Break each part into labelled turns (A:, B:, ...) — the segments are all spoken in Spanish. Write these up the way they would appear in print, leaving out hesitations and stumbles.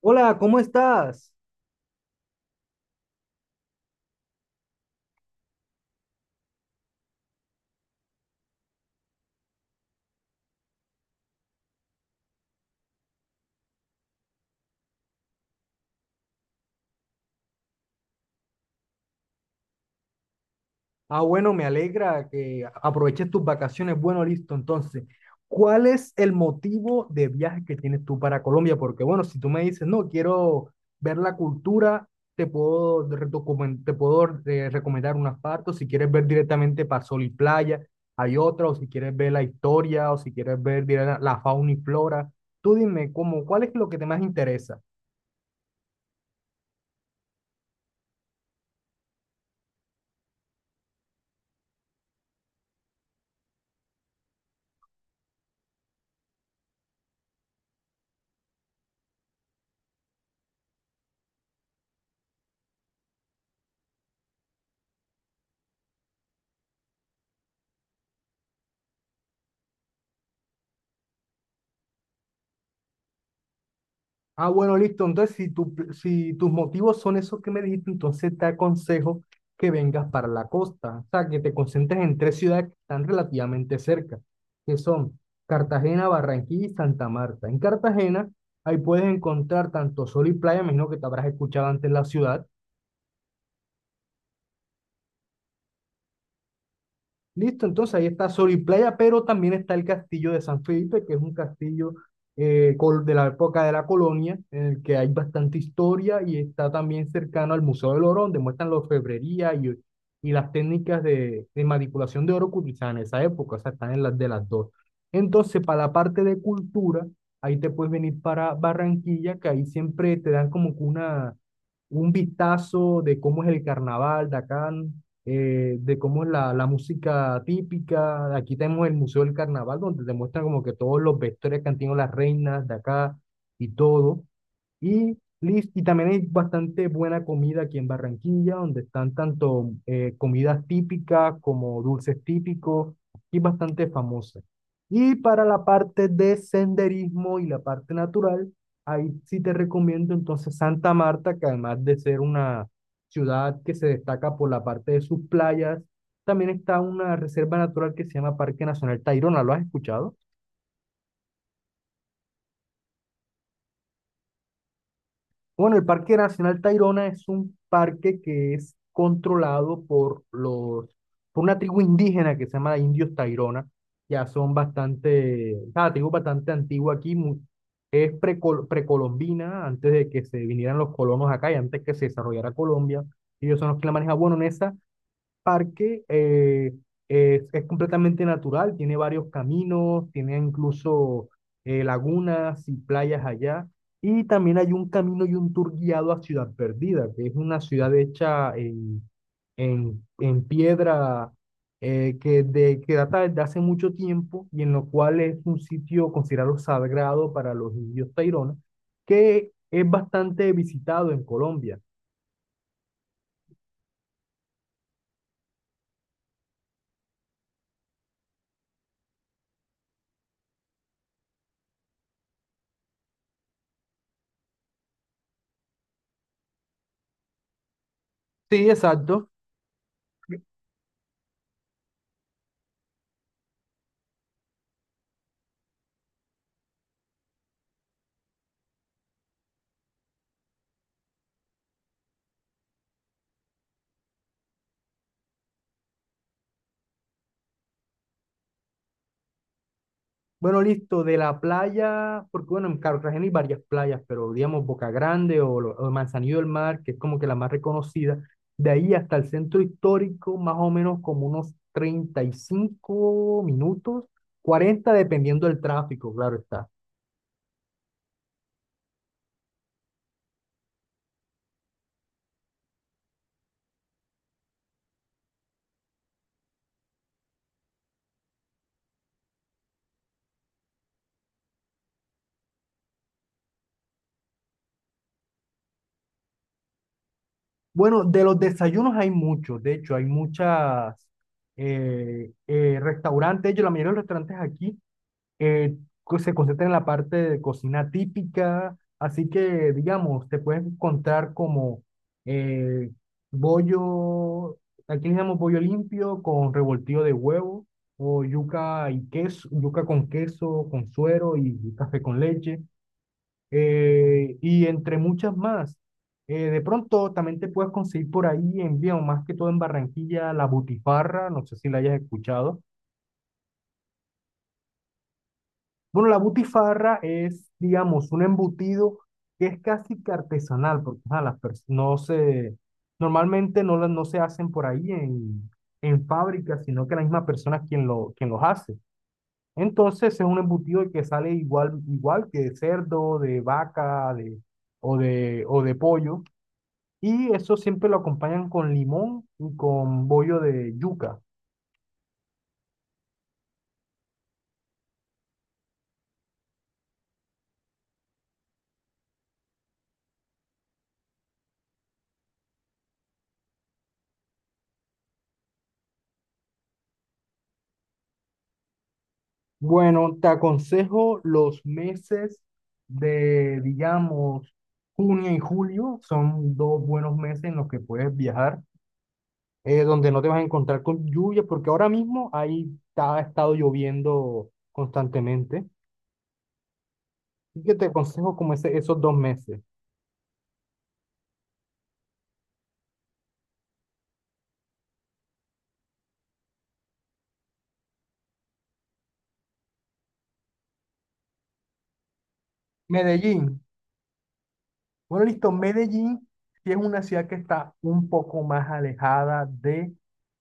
A: Hola, ¿cómo estás? Ah, bueno, me alegra que aproveches tus vacaciones. Bueno, listo. Entonces, ¿cuál es el motivo de viaje que tienes tú para Colombia? Porque, bueno, si tú me dices, no, quiero ver la cultura, te puedo recomendar unas partes. Si quieres ver directamente para sol y playa, hay otra. O si quieres ver la historia, o si quieres ver la fauna y flora. Tú dime, ¿ cuál es lo que te más interesa? Ah, bueno, listo. Entonces, si tus motivos son esos que me dijiste, entonces te aconsejo que vengas para la costa. O sea, que te concentres en tres ciudades que están relativamente cerca, que son Cartagena, Barranquilla y Santa Marta. En Cartagena, ahí puedes encontrar tanto sol y playa, me imagino que te habrás escuchado antes la ciudad. Listo, entonces ahí está Sol y Playa, pero también está el castillo de San Felipe, que es un castillo de la época de la colonia, en el que hay bastante historia y está también cercano al Museo del Oro, donde muestran la orfebrería y las técnicas de manipulación de oro que utilizaban en esa época, o sea, están en las de las dos. Entonces, para la parte de cultura, ahí te puedes venir para Barranquilla, que ahí siempre te dan como que una un vistazo de cómo es el carnaval de acá, de cómo es la música típica. Aquí tenemos el Museo del Carnaval, donde te muestran como que todos los vestuarios que han tenido las reinas de acá y todo. Y y también hay bastante buena comida aquí en Barranquilla, donde están tanto comidas típicas como dulces típicos y bastante famosas. Y para la parte de senderismo y la parte natural, ahí sí te recomiendo entonces Santa Marta, que además de ser una ciudad que se destaca por la parte de sus playas, también está una reserva natural que se llama Parque Nacional Tayrona. ¿Lo has escuchado? Bueno, el Parque Nacional Tayrona es un parque que es controlado por una tribu indígena que se llama Indios Tayrona. Ya son bastante, ah, tribu bastante antigua aquí, es precolombina, antes de que se vinieran los colonos acá y antes que se desarrollara Colombia. Ellos son los que la manejan. Bueno, en esa parque es completamente natural, tiene varios caminos, tiene incluso lagunas y playas allá. Y también hay un camino y un tour guiado a Ciudad Perdida, que es una ciudad hecha en piedra que data desde hace mucho tiempo y en lo cual es un sitio considerado sagrado para los indios taironas, que es bastante visitado en Colombia. Sí, exacto. Bueno, listo, de la playa, porque bueno, en Cartagena hay varias playas, pero digamos Boca Grande o Manzanillo del Mar, que es como que la más reconocida, de ahí hasta el centro histórico, más o menos como unos 35 minutos, 40 dependiendo del tráfico, claro está. Bueno, de los desayunos hay muchos, de hecho, hay muchas restaurantes, de hecho, la mayoría de los restaurantes aquí eh, se concentra en la parte de cocina típica, así que, digamos, te puedes encontrar como eh, bollo, aquí le llamamos bollo limpio con revoltillo de huevo, o yuca y queso, yuca con queso, con suero y café con leche, y entre muchas más. De pronto también te puedes conseguir por ahí en Vía, más que todo en Barranquilla, la butifarra, no sé si la hayas escuchado. Bueno, la butifarra es, digamos, un embutido que es casi que artesanal, porque ajá, no se, normalmente no, no se hacen por ahí en fábricas, sino que la misma persona es quien los hace. Entonces es un embutido que sale igual, igual que de cerdo, de vaca, o de pollo, y eso siempre lo acompañan con limón y con bollo de yuca. Bueno, te aconsejo los meses de, digamos, junio y julio. Son dos buenos meses en los que puedes viajar, donde no te vas a encontrar con lluvia, porque ahora mismo ha estado lloviendo constantemente. Así que te aconsejo como esos dos meses. Medellín. Bueno, listo. Medellín sí es una ciudad que está un poco más alejada de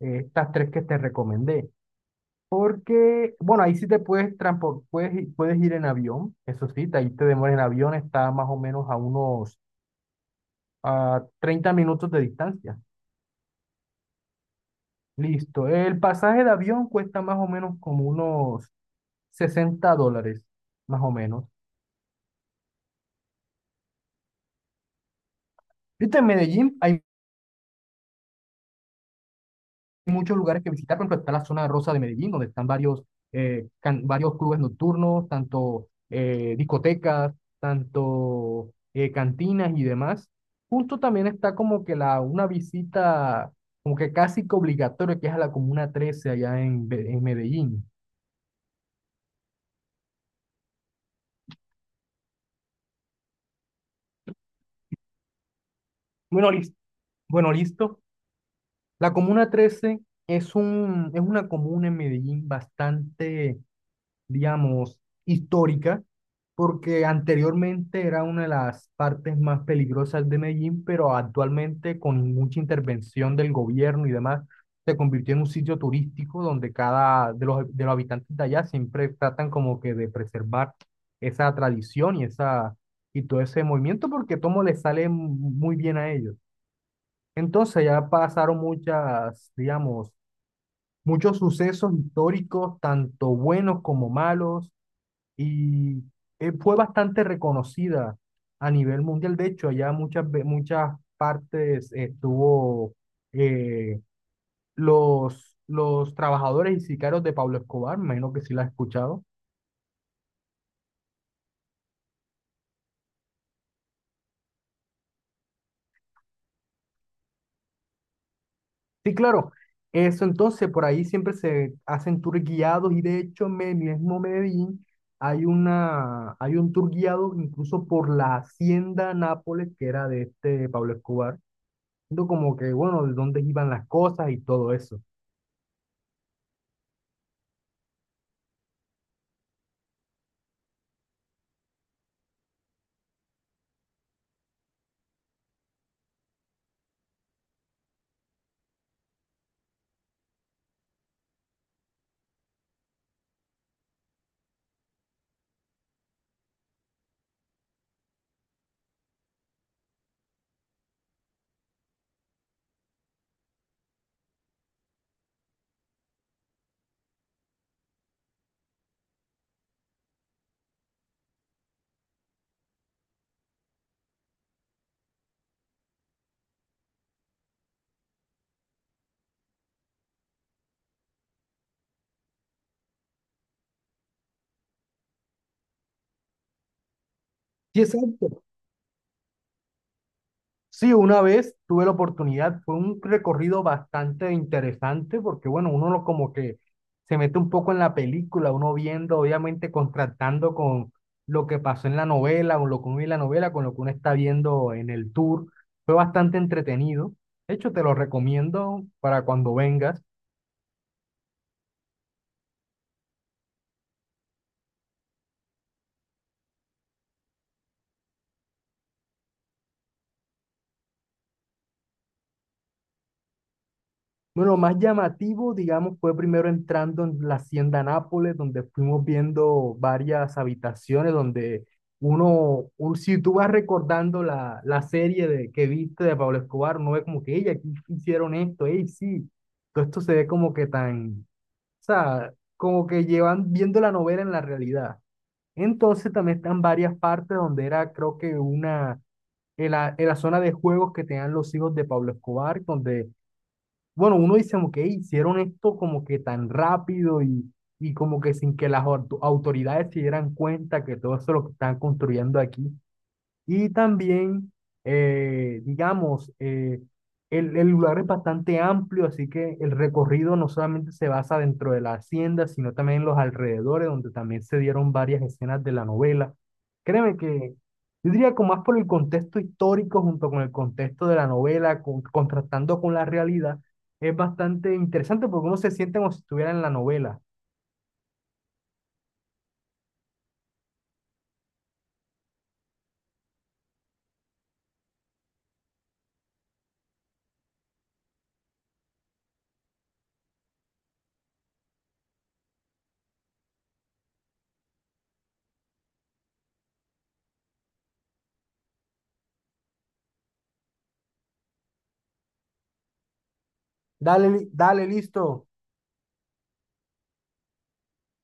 A: estas tres que te recomendé. Porque, bueno, ahí sí te puedes transpor- puedes, i- puedes ir en avión, eso sí, ahí te demoras en avión, está más o menos a unos a 30 minutos de distancia. Listo. El pasaje de avión cuesta más o menos como unos 60 dólares, más o menos. Viste, en Medellín hay muchos lugares que visitar, por ejemplo, está la zona rosa de Medellín, donde están varios, varios clubes nocturnos, tanto discotecas, tanto cantinas y demás. Justo también está como que una visita como que casi que obligatoria, que es a la Comuna 13 allá en Medellín. Bueno, listo. Bueno, listo. La Comuna 13 es una comuna en Medellín bastante digamos, histórica, porque anteriormente era una de las partes más peligrosas de Medellín, pero actualmente con mucha intervención del gobierno y demás, se convirtió en un sitio turístico donde cada de los habitantes de allá siempre tratan como que de preservar esa tradición y, esa, y todo ese movimiento porque todo les sale muy bien a ellos. Entonces ya pasaron muchas, digamos, muchos sucesos históricos, tanto buenos como malos y fue bastante reconocida a nivel mundial. De hecho, allá muchas partes estuvo eh, los trabajadores y sicarios de Pablo Escobar, me imagino que sí la has escuchado. Sí, claro. Eso entonces, por ahí siempre se hacen tours guiados y de hecho en el mismo Medellín hay un tour guiado incluso por la hacienda Nápoles que era de este Pablo Escobar, viendo como que, bueno, de dónde iban las cosas y todo eso. Sí, exacto. Sí, una vez tuve la oportunidad, fue un recorrido bastante interesante porque, bueno, uno lo como que se mete un poco en la película, uno viendo, obviamente, contrastando con lo que pasó en la novela, o lo que uno ve en la novela, con lo que uno está viendo en el tour. Fue bastante entretenido. De hecho, te lo recomiendo para cuando vengas. Bueno, lo más llamativo, digamos, fue primero entrando en la Hacienda Nápoles, donde fuimos viendo varias habitaciones, donde uno, si tú vas recordando la serie de, que viste de Pablo Escobar, uno ve como que, ella aquí hicieron esto, ey, sí, todo esto se ve como que tan, o sea, como que llevan viendo la novela en la realidad. Entonces también están varias partes donde era, creo que una, en la zona de juegos que tenían los hijos de Pablo Escobar, donde bueno, uno dice como que "Ey, hicieron esto como que tan rápido y como que sin que autoridades se dieran cuenta que todo eso es lo que están construyendo aquí. Y también, eh, digamos, eh, el lugar es bastante amplio, así que el recorrido no solamente se basa dentro de la hacienda, sino también en los alrededores, donde también se dieron varias escenas de la novela. Créeme que yo diría que más por el contexto histórico junto con el contexto de la novela, contrastando con la realidad, es bastante interesante porque uno se siente como si estuviera en la novela. Dale, dale, listo.